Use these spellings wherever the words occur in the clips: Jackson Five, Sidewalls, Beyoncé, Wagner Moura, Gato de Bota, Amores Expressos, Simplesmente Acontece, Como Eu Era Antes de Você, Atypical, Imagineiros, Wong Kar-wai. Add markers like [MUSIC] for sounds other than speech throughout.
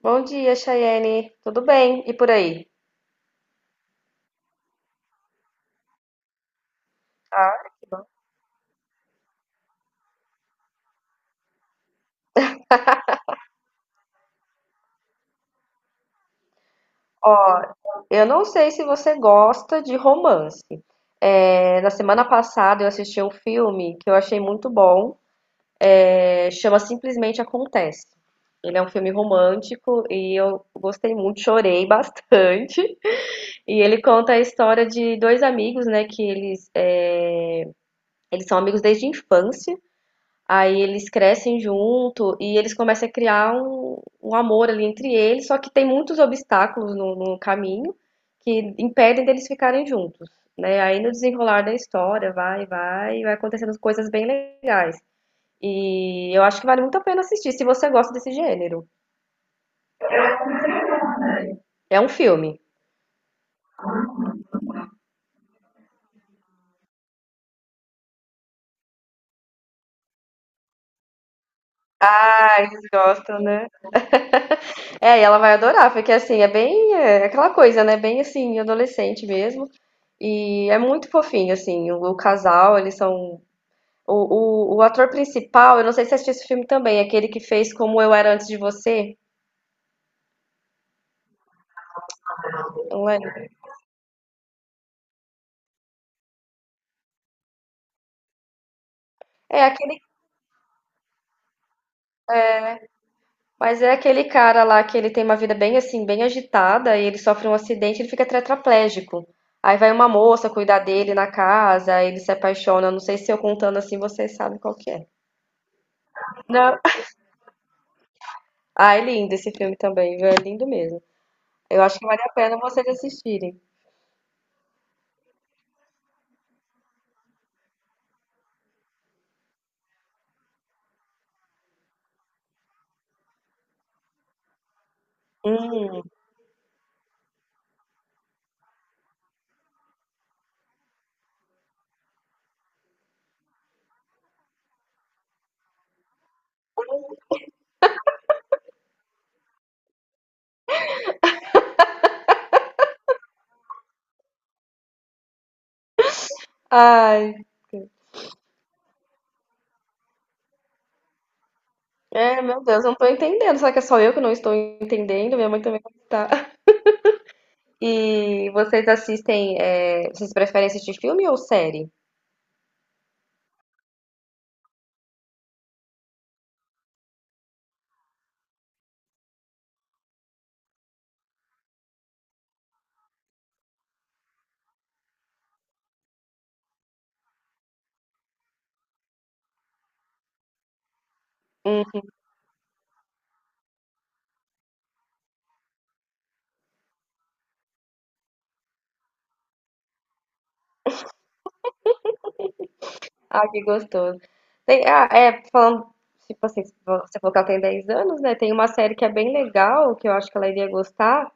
Bom dia, Chayene. Tudo bem? E por aí? Ah, que bom. Ó, eu não sei se você gosta de romance. Na semana passada eu assisti um filme que eu achei muito bom. Chama Simplesmente Acontece. Ele é um filme romântico e eu gostei muito, chorei [LAUGHS] bastante. E ele conta a história de dois amigos, né? Eles são amigos desde a infância. Aí eles crescem junto e eles começam a criar um amor ali entre eles, só que tem muitos obstáculos no caminho que impedem deles ficarem juntos, né? Aí no desenrolar da história vai acontecendo coisas bem legais. E eu acho que vale muito a pena assistir se você gosta desse gênero. É um filme. Ah, eles gostam, né? É, e ela vai adorar, porque assim, é bem é aquela coisa, né? Bem assim, adolescente mesmo. E é muito fofinho, assim, o casal, eles são o ator principal, eu não sei se você assistiu esse filme também, aquele que fez Como Eu Era Antes de Você, não lembro. É aquele, mas é aquele cara lá que ele tem uma vida bem assim, bem agitada, e ele sofre um acidente, ele fica tetraplégico. Aí vai uma moça cuidar dele na casa, aí ele se apaixona. Não sei se eu contando assim, vocês sabem qual que é. Não. Ah, é lindo esse filme também, viu? É lindo mesmo. Eu acho que vale a pena vocês assistirem. Hum. Ai, é, meu Deus, eu não tô entendendo. Será que é só eu que não estou entendendo? Minha mãe também não tá. E vocês assistem, vocês preferem assistir filme ou série? Uhum. Ah, que gostoso. Tem, ah, é, falando, Tipo assim, você falou que ela tem 10 anos, né? Tem uma série que é bem legal, que eu acho que ela iria gostar,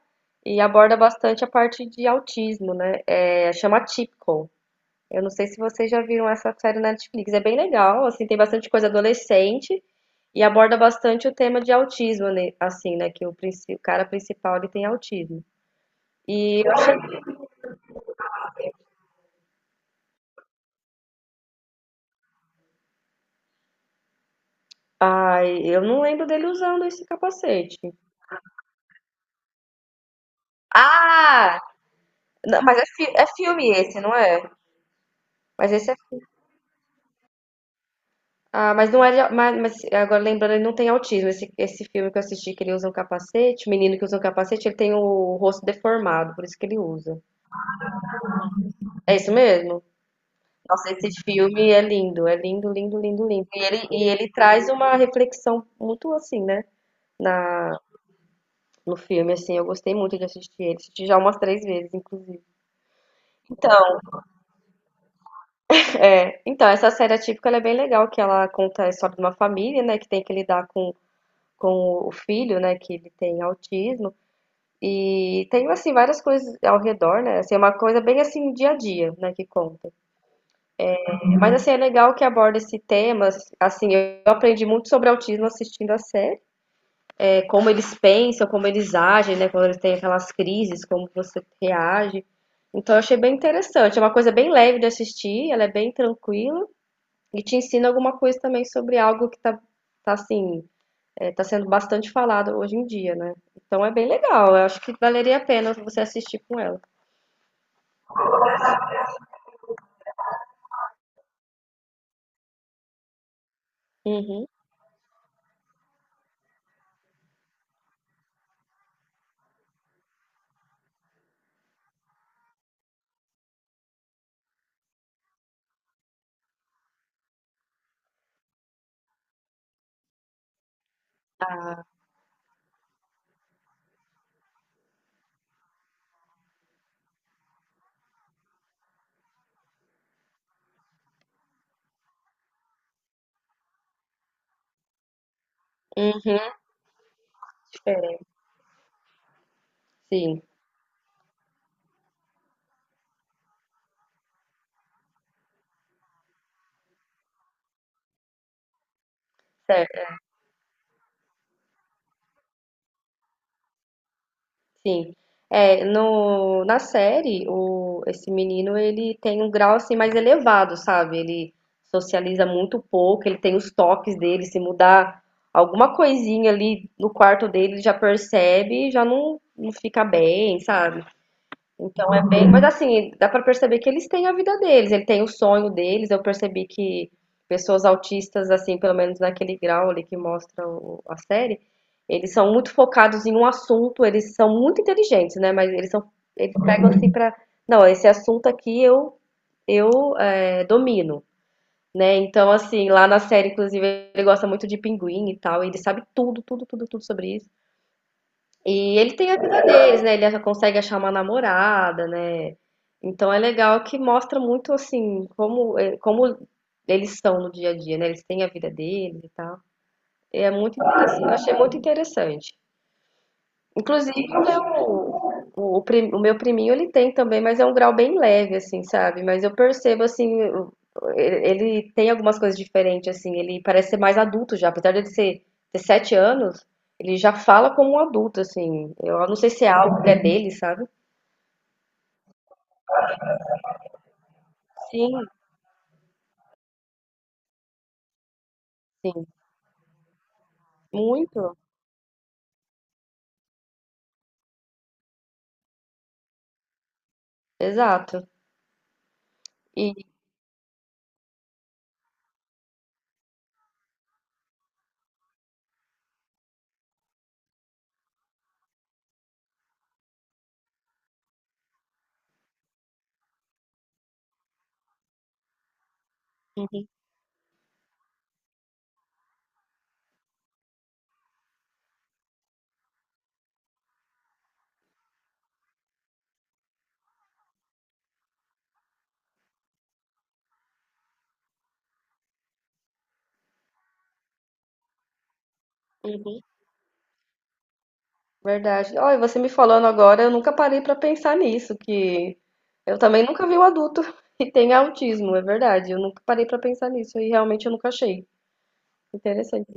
e aborda bastante a parte de autismo, né? Chama Atypical. Eu não sei se vocês já viram essa série na Netflix. É bem legal, assim, tem bastante coisa adolescente e aborda bastante o tema de autismo, né? Assim, né? Que o, o cara principal, ele tem autismo. E eu ai, eu não lembro dele usando esse capacete. Ah! Não, mas é, é filme esse, não é? Mas esse é. Ah, mas não é. Mas agora lembrando, ele não tem autismo. Esse filme que eu assisti, que ele usa um capacete, o menino que usa um capacete, ele tem o rosto deformado, por isso que ele usa. É isso mesmo? Nossa, esse filme é lindo, lindo, lindo, lindo. E ele traz uma reflexão muito assim, né? Na, no filme, assim, eu gostei muito de assistir ele. Assisti já umas 3 vezes, inclusive. Então. É, então, essa série atípica ela é bem legal, que ela conta a história de uma família, né, que tem que lidar com o filho, né, que ele tem autismo. E tem, assim, várias coisas ao redor, né? Assim, é uma coisa bem, assim, dia a dia, né, que conta. Mas, assim, é legal que aborda esse tema. Assim, eu aprendi muito sobre autismo assistindo a série. É, como eles pensam, como eles agem, né? Quando eles têm aquelas crises, como você reage. Então, eu achei bem interessante. É uma coisa bem leve de assistir, ela é bem tranquila. E te ensina alguma coisa também sobre algo que tá assim, tá sendo bastante falado hoje em dia, né? Então é bem legal. Eu acho que valeria a pena você assistir com ela. Uhum, uhum, diferente. Sim, certo, sim. É, no, na série, o, esse menino, ele tem um grau, assim, mais elevado, sabe? Ele socializa muito pouco, ele tem os toques dele, se mudar alguma coisinha ali no quarto dele, ele já percebe, e já não, não fica bem, sabe? Então é bem, mas assim, dá pra perceber que eles têm a vida deles, ele tem o sonho deles. Eu percebi que pessoas autistas, assim, pelo menos naquele grau ali que mostra a série, eles são muito focados em um assunto, eles são muito inteligentes, né? Mas eles são, eles pegam assim pra, não, esse assunto aqui eu domino, né? Então assim, lá na série, inclusive, ele gosta muito de pinguim e tal, e ele sabe tudo, tudo, tudo, tudo sobre isso. E ele tem a vida deles, né? Ele já consegue achar uma namorada, né? Então é legal que mostra muito assim como, como eles são no dia a dia, né? Eles têm a vida deles e tal. E é muito interessante, eu achei muito interessante. Inclusive, o, o meu priminho ele tem também, mas é um grau bem leve, assim, sabe? Mas eu percebo, assim, ele ele tem algumas coisas diferentes, assim. Ele parece ser mais adulto já, apesar ter 7 anos, ele já fala como um adulto, assim. Eu não sei se é algo que é dele, sabe? Sim, sim, muito, exato. E, uhum, verdade. Olha, você me falando agora, eu nunca parei pra pensar nisso, que eu também nunca vi um adulto [LAUGHS] que tenha autismo, é verdade. Eu nunca parei pra pensar nisso e realmente eu nunca achei interessante.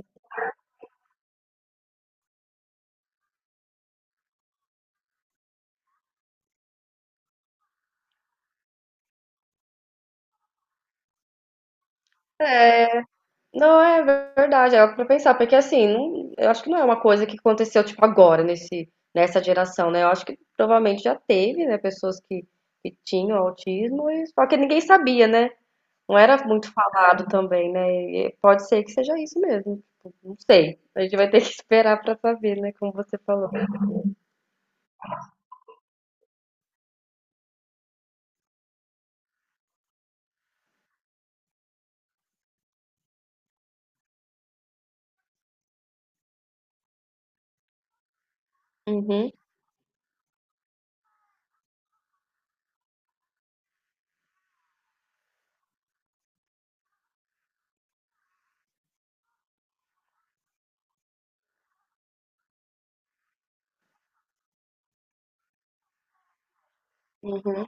Não, é verdade, é algo pra pensar, porque assim, eu acho que não é uma coisa que aconteceu tipo agora nesse nessa geração, né? Eu acho que provavelmente já teve, né, pessoas que tinham autismo, só que ninguém sabia, né? Não era muito falado também, né? E pode ser que seja isso mesmo. Não sei. A gente vai ter que [LAUGHS] esperar pra saber, né, como você falou. Uhum, uhum,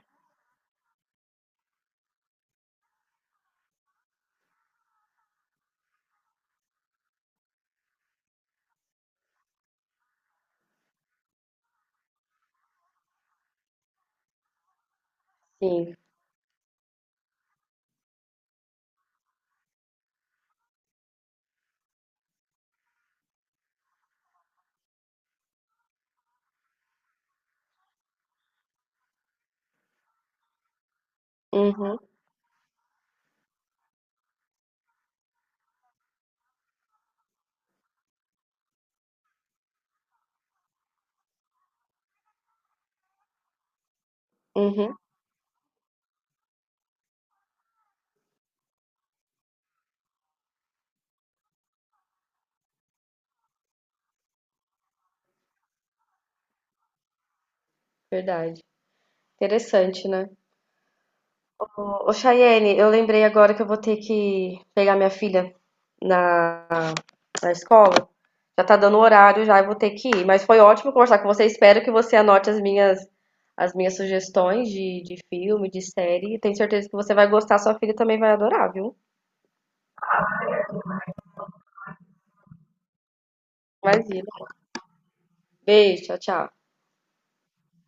sim. Uhum, uhum. Verdade. Interessante, né? Chayene, eu lembrei agora que eu vou ter que pegar minha filha na, na escola. Já tá dando o horário já, eu vou ter que ir. Mas foi ótimo conversar com você. Espero que você anote as minhas sugestões de filme, de série. Tenho certeza que você vai gostar, sua filha também vai adorar, viu? Imagina. Beijo, tchau, tchau.